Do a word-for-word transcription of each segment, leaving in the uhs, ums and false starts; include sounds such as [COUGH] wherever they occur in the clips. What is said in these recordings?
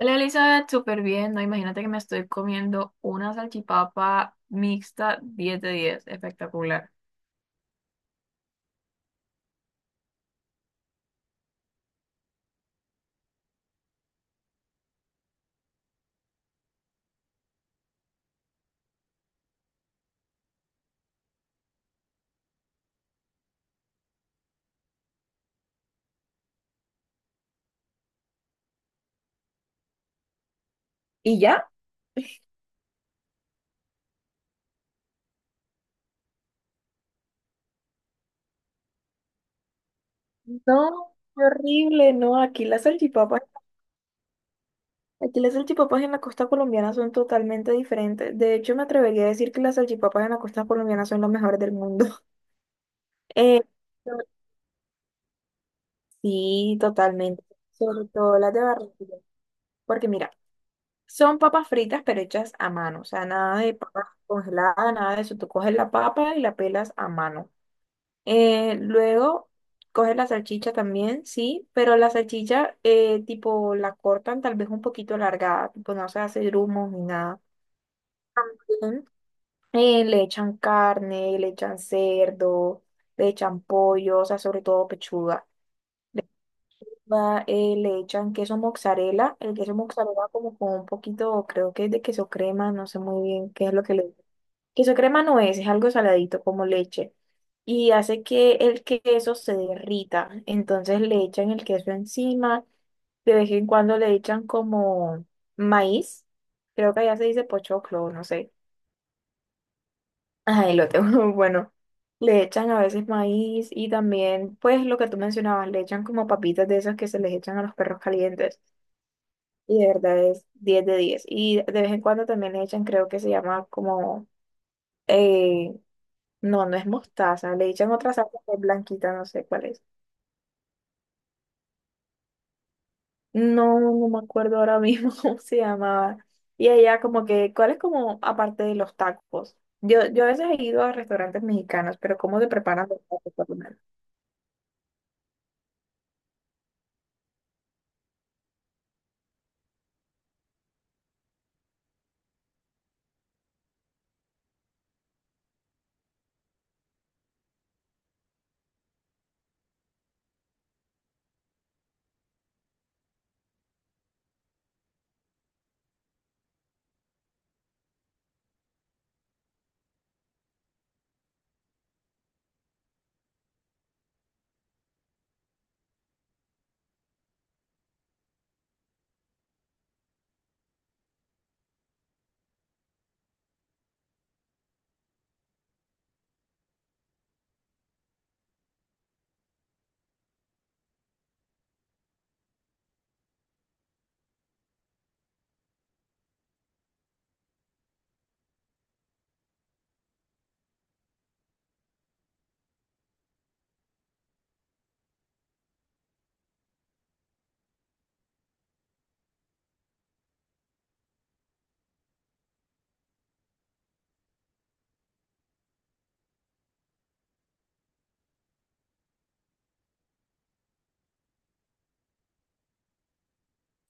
Hola Elizabeth, súper bien, ¿no? Imagínate que me estoy comiendo una salchipapa mixta diez de diez, espectacular. ¿Y ya? No, qué horrible, no, aquí las salchipapas, aquí las salchipapas en la costa colombiana son totalmente diferentes. De hecho, me atrevería a decir que las salchipapas en la costa colombiana son las mejores del mundo. [LAUGHS] Eh, sí, totalmente. Sobre todo las de Barranquilla. Porque mira, son papas fritas pero hechas a mano. O sea, nada de papas congeladas, nada de eso. Tú coges la papa y la pelas a mano. Eh, luego coges la salchicha también, sí, pero la salchicha eh, tipo la cortan tal vez un poquito alargada, tipo no se hace grumos ni nada. Ujú. Eh, le echan carne, le echan cerdo, le echan pollo, o sea, sobre todo pechuga. Va, eh, le echan queso mozzarella, el queso mozzarella como con un poquito, creo que es de queso crema, no sé muy bien qué es lo que le. Queso crema no es, es algo saladito como leche y hace que el queso se derrita. Entonces le echan el queso encima, de vez en cuando le echan como maíz, creo que allá se dice pochoclo, no sé. Ajá, elote, [LAUGHS] bueno, le echan a veces maíz y también, pues lo que tú mencionabas, le echan como papitas de esas que se les echan a los perros calientes y de verdad es diez de diez. Y de vez en cuando también le echan, creo que se llama como... eh, No, no es mostaza. Le echan otra salsa que es blanquita, no sé cuál es. No, no me acuerdo ahora mismo [LAUGHS] cómo se llamaba. Y allá como que, ¿cuál es como aparte de los tacos? Yo, yo a veces he ido a restaurantes mexicanos, pero ¿cómo se preparan los tacos por lo menos?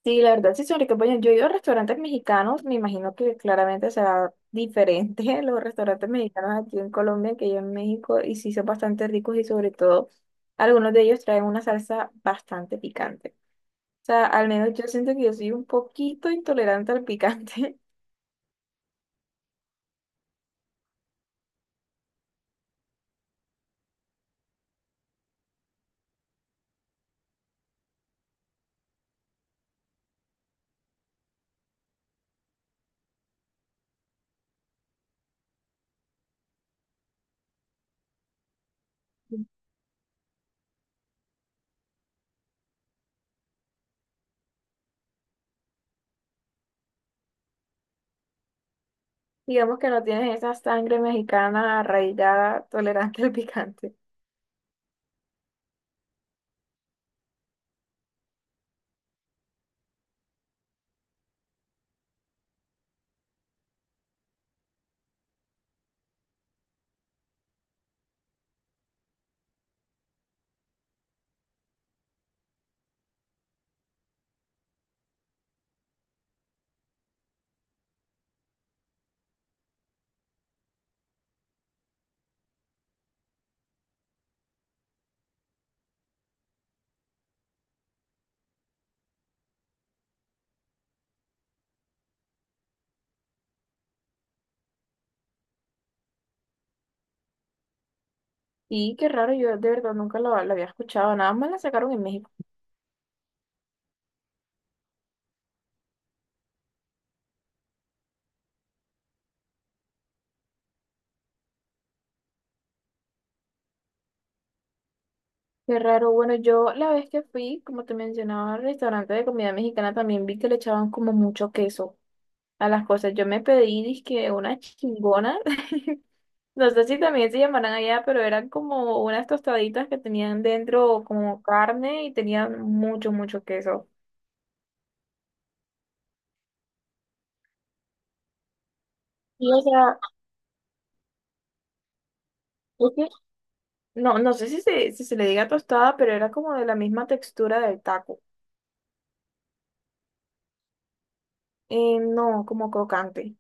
Sí, la verdad sí son ricos. Bueno, yo he ido a restaurantes mexicanos, me imagino que claramente será diferente [LAUGHS] los restaurantes mexicanos aquí en Colombia que yo en México, y sí son bastante ricos y sobre todo algunos de ellos traen una salsa bastante picante. Sea, al menos yo siento que yo soy un poquito intolerante al picante. [LAUGHS] Digamos que no tienes esa sangre mexicana arraigada, tolerante al picante. Y qué raro, yo de verdad nunca lo, lo había escuchado, nada más la sacaron en México. Qué raro, bueno, yo la vez que fui, como te mencionaba, al restaurante de comida mexicana también vi que le echaban como mucho queso a las cosas. Yo me pedí, dizque una chingona. [LAUGHS] No sé si también se llamarán allá, pero eran como unas tostaditas que tenían dentro como carne y tenían mucho, mucho queso. Y o sea, es que no, no sé si se, si se le diga tostada, pero era como de la misma textura del taco. Eh, no, como crocante.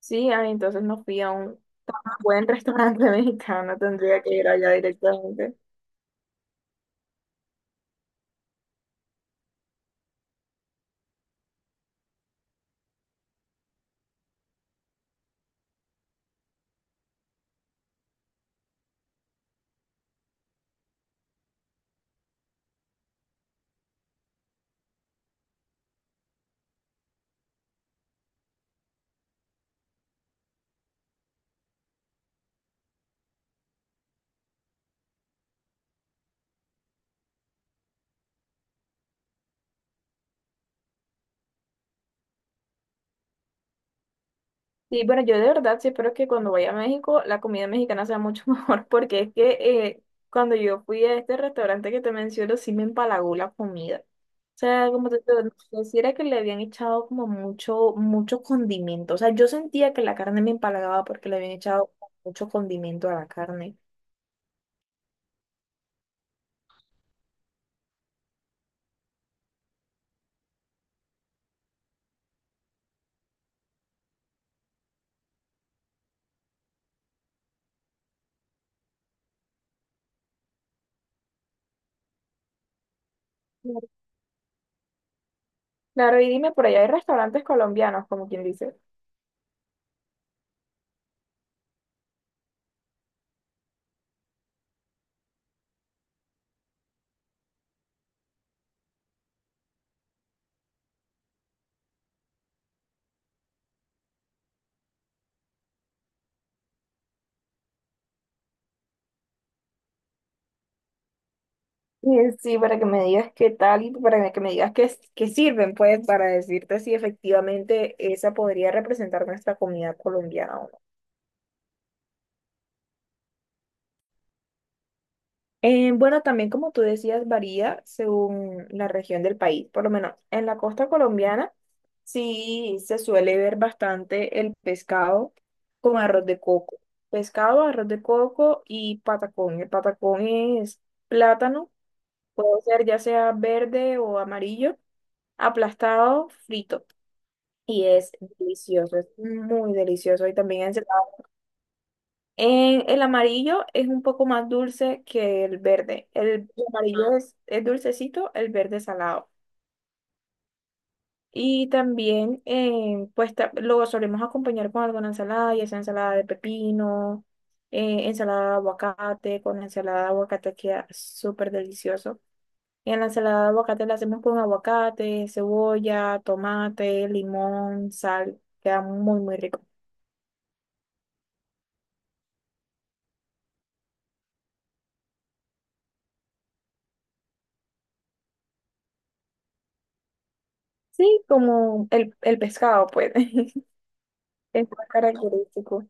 Sí, ah, entonces no fui a un buen restaurante [LAUGHS] mexicano, tendría que ir allá directamente. Sí, bueno, yo de verdad sí espero que cuando vaya a México la comida mexicana sea mucho [LAUGHS] mejor, porque es que eh, cuando yo fui a este restaurante que te menciono, sí me empalagó la comida. O sea, como te digo, no sé si era que le habían echado como mucho, mucho condimento. O sea, yo sentía que la carne me empalagaba porque le habían echado mucho condimento a la carne. Claro, y dime, por allá hay restaurantes colombianos, como quien dice. Y sí, para que me digas qué tal y para que me digas qué, qué sirven, pues, para decirte si efectivamente esa podría representar nuestra comida colombiana o no. Eh, bueno, también como tú decías, varía según la región del país. Por lo menos en la costa colombiana sí se suele ver bastante el pescado con arroz de coco. Pescado, arroz de coco y patacón. El patacón es plátano, puede ser ya sea verde o amarillo, aplastado, frito. Y es delicioso, es muy delicioso. Y también ensalada. En el amarillo es un poco más dulce que el verde. El amarillo es, es dulcecito, el verde es salado. Y también, eh, pues ta- lo solemos acompañar con alguna ensalada, ya sea ensalada de pepino, eh, ensalada de aguacate, con ensalada de aguacate queda súper delicioso. En la ensalada de aguacate la hacemos con aguacate, cebolla, tomate, limón, sal. Queda muy, muy rico. Sí, como el, el pescado, pues, [LAUGHS] es más característico.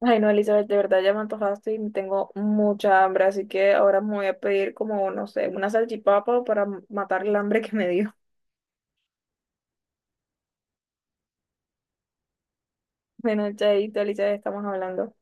Ay, no, Elizabeth, de verdad ya me antojaste y tengo mucha hambre, así que ahora me voy a pedir como, no sé, una salchipapa para matar el hambre que me dio. [LAUGHS] Bueno, chaito, Elizabeth, estamos hablando.